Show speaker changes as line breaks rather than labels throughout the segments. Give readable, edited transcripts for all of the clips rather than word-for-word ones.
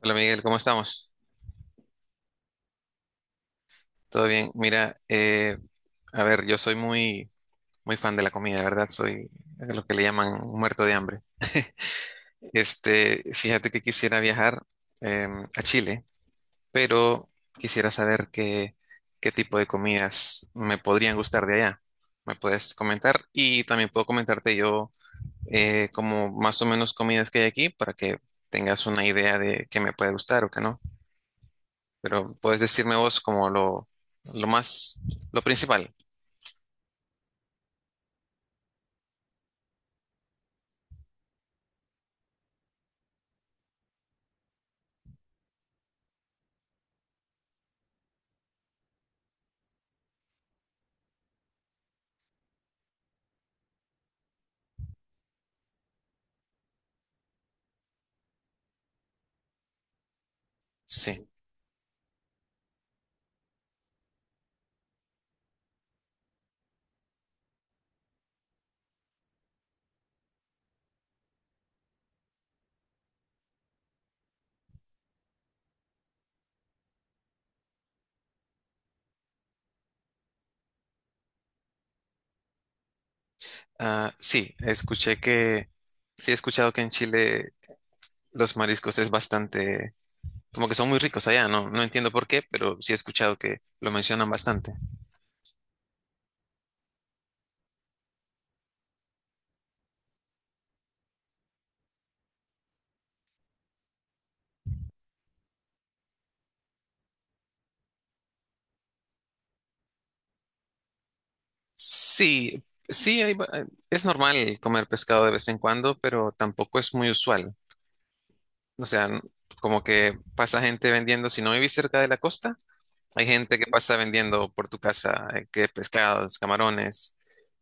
Hola Miguel, ¿cómo estamos? ¿Todo bien? Mira, a ver, yo soy muy fan de la comida, ¿verdad? Soy lo que le llaman un muerto de hambre. Este, fíjate que quisiera viajar eh, a Chile, pero quisiera saber qué tipo de comidas me podrían gustar de allá. ¿Me puedes comentar? Y también puedo comentarte yo como más o menos comidas que hay aquí para que tengas una idea de qué me puede gustar o qué no. Pero puedes decirme vos como lo lo principal. Sí. Ah, sí, sí he escuchado que en Chile los mariscos es bastante, como que son muy ricos allá, no entiendo por qué, pero sí he escuchado que lo mencionan bastante. Sí, sí, es normal comer pescado de vez en cuando, pero tampoco es muy usual. O sea, como que pasa gente vendiendo, si no vivís cerca de la costa, hay gente que pasa vendiendo por tu casa, que pescados, camarones,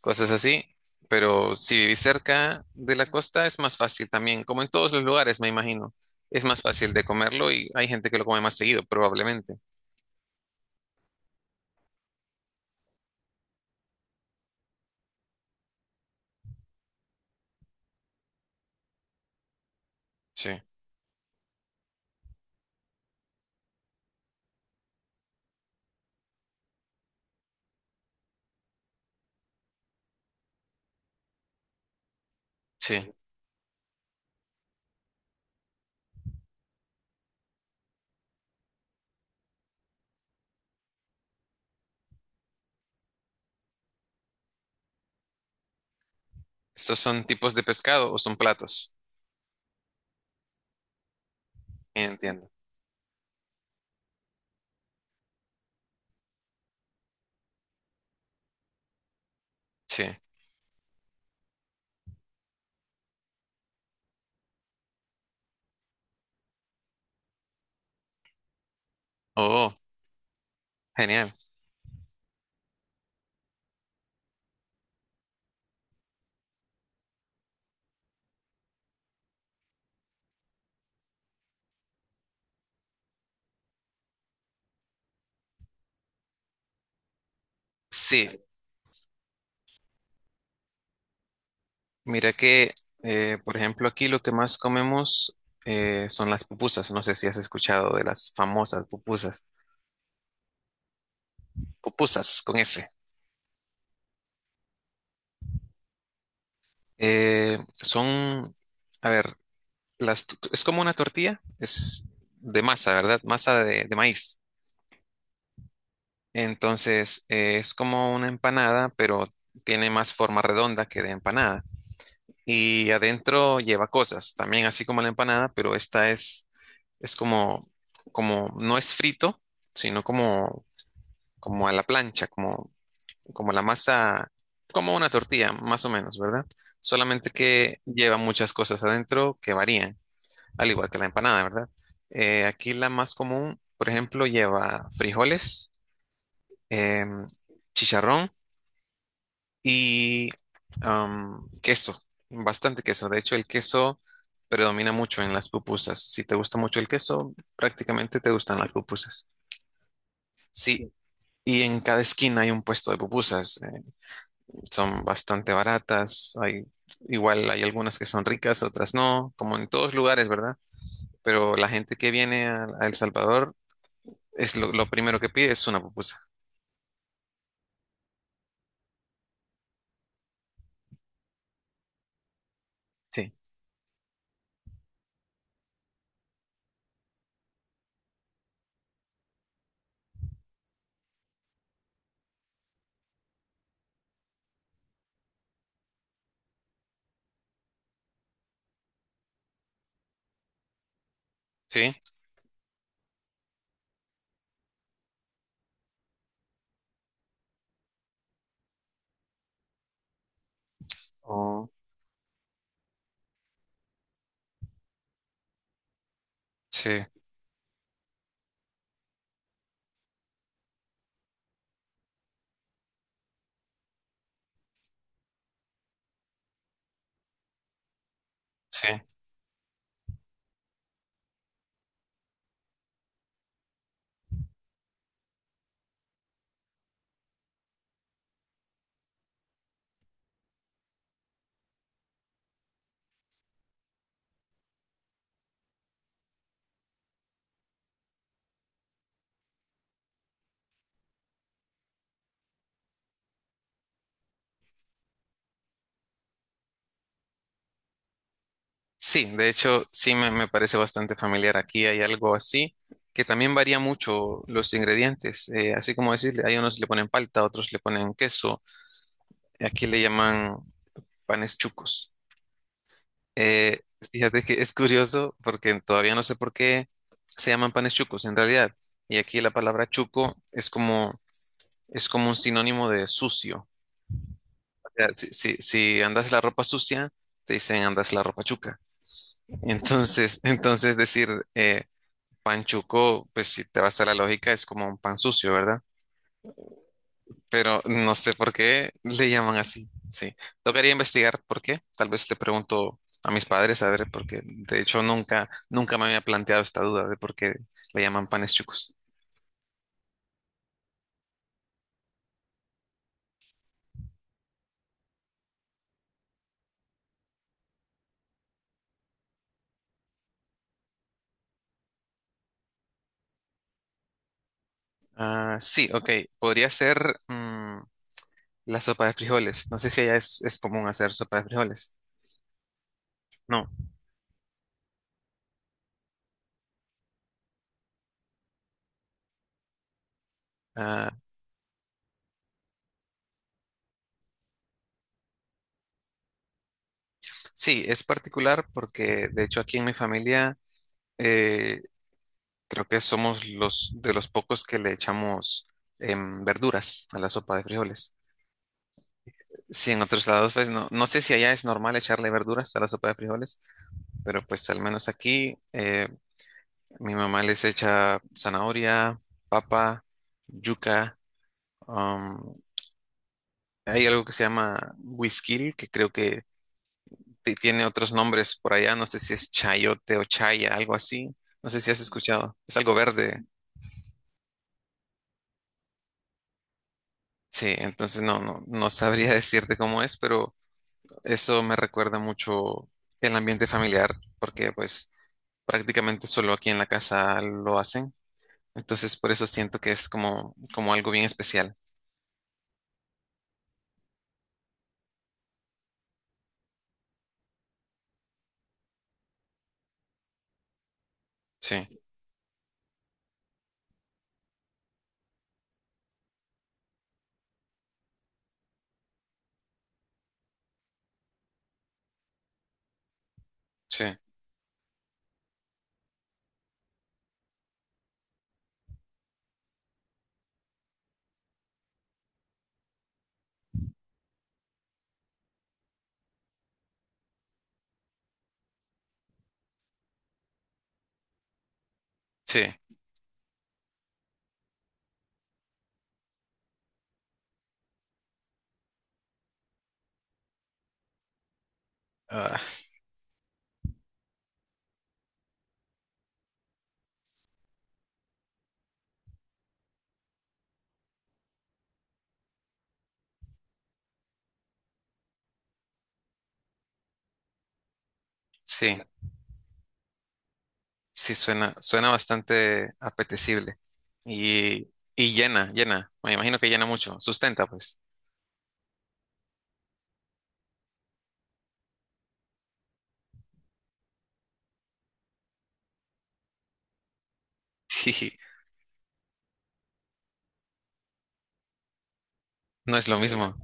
cosas así. Pero si vivís cerca de la costa es más fácil también, como en todos los lugares, me imagino. Es más fácil de comerlo y hay gente que lo come más seguido, probablemente. Sí, sí. ¿Estos son tipos de pescado o son platos? Entiendo. Sí. Oh, genial. Sí, mira que, por ejemplo, aquí lo que más comemos son las pupusas. No sé si has escuchado de las famosas pupusas. Pupusas con S. Son, a ver, es como una tortilla, es de masa, ¿verdad? Masa de maíz. Entonces, es como una empanada, pero tiene más forma redonda que de empanada. Y adentro lleva cosas, también así como la empanada, pero esta es como, como, no es frito, sino como, como a la plancha, como, como la masa, como una tortilla, más o menos, ¿verdad? Solamente que lleva muchas cosas adentro que varían. Al igual que la empanada, ¿verdad? Aquí la más común, por ejemplo, lleva frijoles, em, chicharrón y queso, bastante queso. De hecho, el queso predomina mucho en las pupusas. Si te gusta mucho el queso, prácticamente te gustan las pupusas. Sí, y en cada esquina hay un puesto de pupusas. Son bastante baratas. Hay, igual hay algunas que son ricas, otras no, como en todos lugares, ¿verdad? Pero la gente que viene a El Salvador es lo primero que pide es una pupusa. Sí. Sí. Oh, sí, sí. Sí, de hecho, me parece bastante familiar. Aquí hay algo así que también varía mucho los ingredientes. Así como decís, hay unos le ponen palta, otros le ponen queso. Aquí le llaman panes chucos. Eh, Fíjate que es curioso porque todavía no sé por qué se llaman panes chucos en realidad. Y aquí la palabra chuco es como un sinónimo de sucio. Sea, si andas la ropa sucia, te dicen andas la ropa chuca. Entonces, entonces decir eh, pan chuco, pues si te vas a la lógica, es como un pan sucio, ¿verdad? Pero no sé por qué le llaman así. Sí, tocaría investigar por qué. Tal vez le pregunto a mis padres a ver, porque de hecho nunca, nunca me había planteado esta duda de por qué le llaman panes chucos. Ah, sí, ok. Podría ser la sopa de frijoles. No sé si allá es común hacer sopa de frijoles. No. Ah, sí, es particular porque de hecho aquí en mi familia eh, creo que somos los de los pocos que le echamos verduras a la sopa de frijoles. Sí, en otros lados pues no, no sé si allá es normal echarle verduras a la sopa de frijoles, pero pues al menos aquí mi mamá les echa zanahoria, papa, yuca. um, Hay algo que se llama whisky, que creo que tiene otros nombres por allá, no sé si es chayote o chaya, algo así, no sé si has escuchado, es algo verde, sí, entonces no, no sabría decirte cómo es, pero eso me recuerda mucho el ambiente familiar, porque pues prácticamente solo aquí en la casa lo hacen, entonces por eso siento que es como, como algo bien especial, sí, sí, sí, ah, sí, sí, suena, suena bastante apetecible y... Y llena, llena. Me imagino que llena mucho. Sustenta, pues. Sí, no es lo mismo,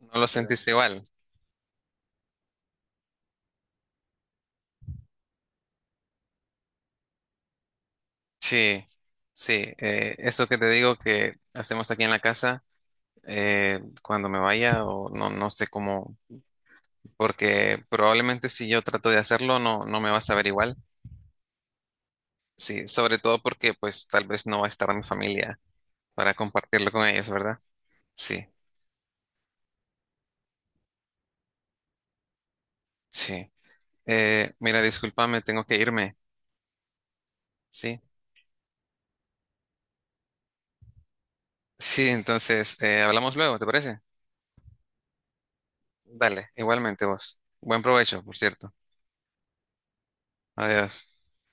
no lo no sentís igual. Sí, sí, eso que te digo que hacemos aquí en la casa, cuando me vaya o no, no sé cómo, porque probablemente si yo trato de hacerlo no, no me vas a ver igual. Sí, sobre todo porque pues tal vez no va a estar mi familia para compartirlo con ellos, ¿verdad? Sí, sí. Mira, discúlpame, tengo que irme. Sí, sí, entonces hablamos luego, ¿te parece? Dale, igualmente vos. Buen provecho, por cierto. Adiós.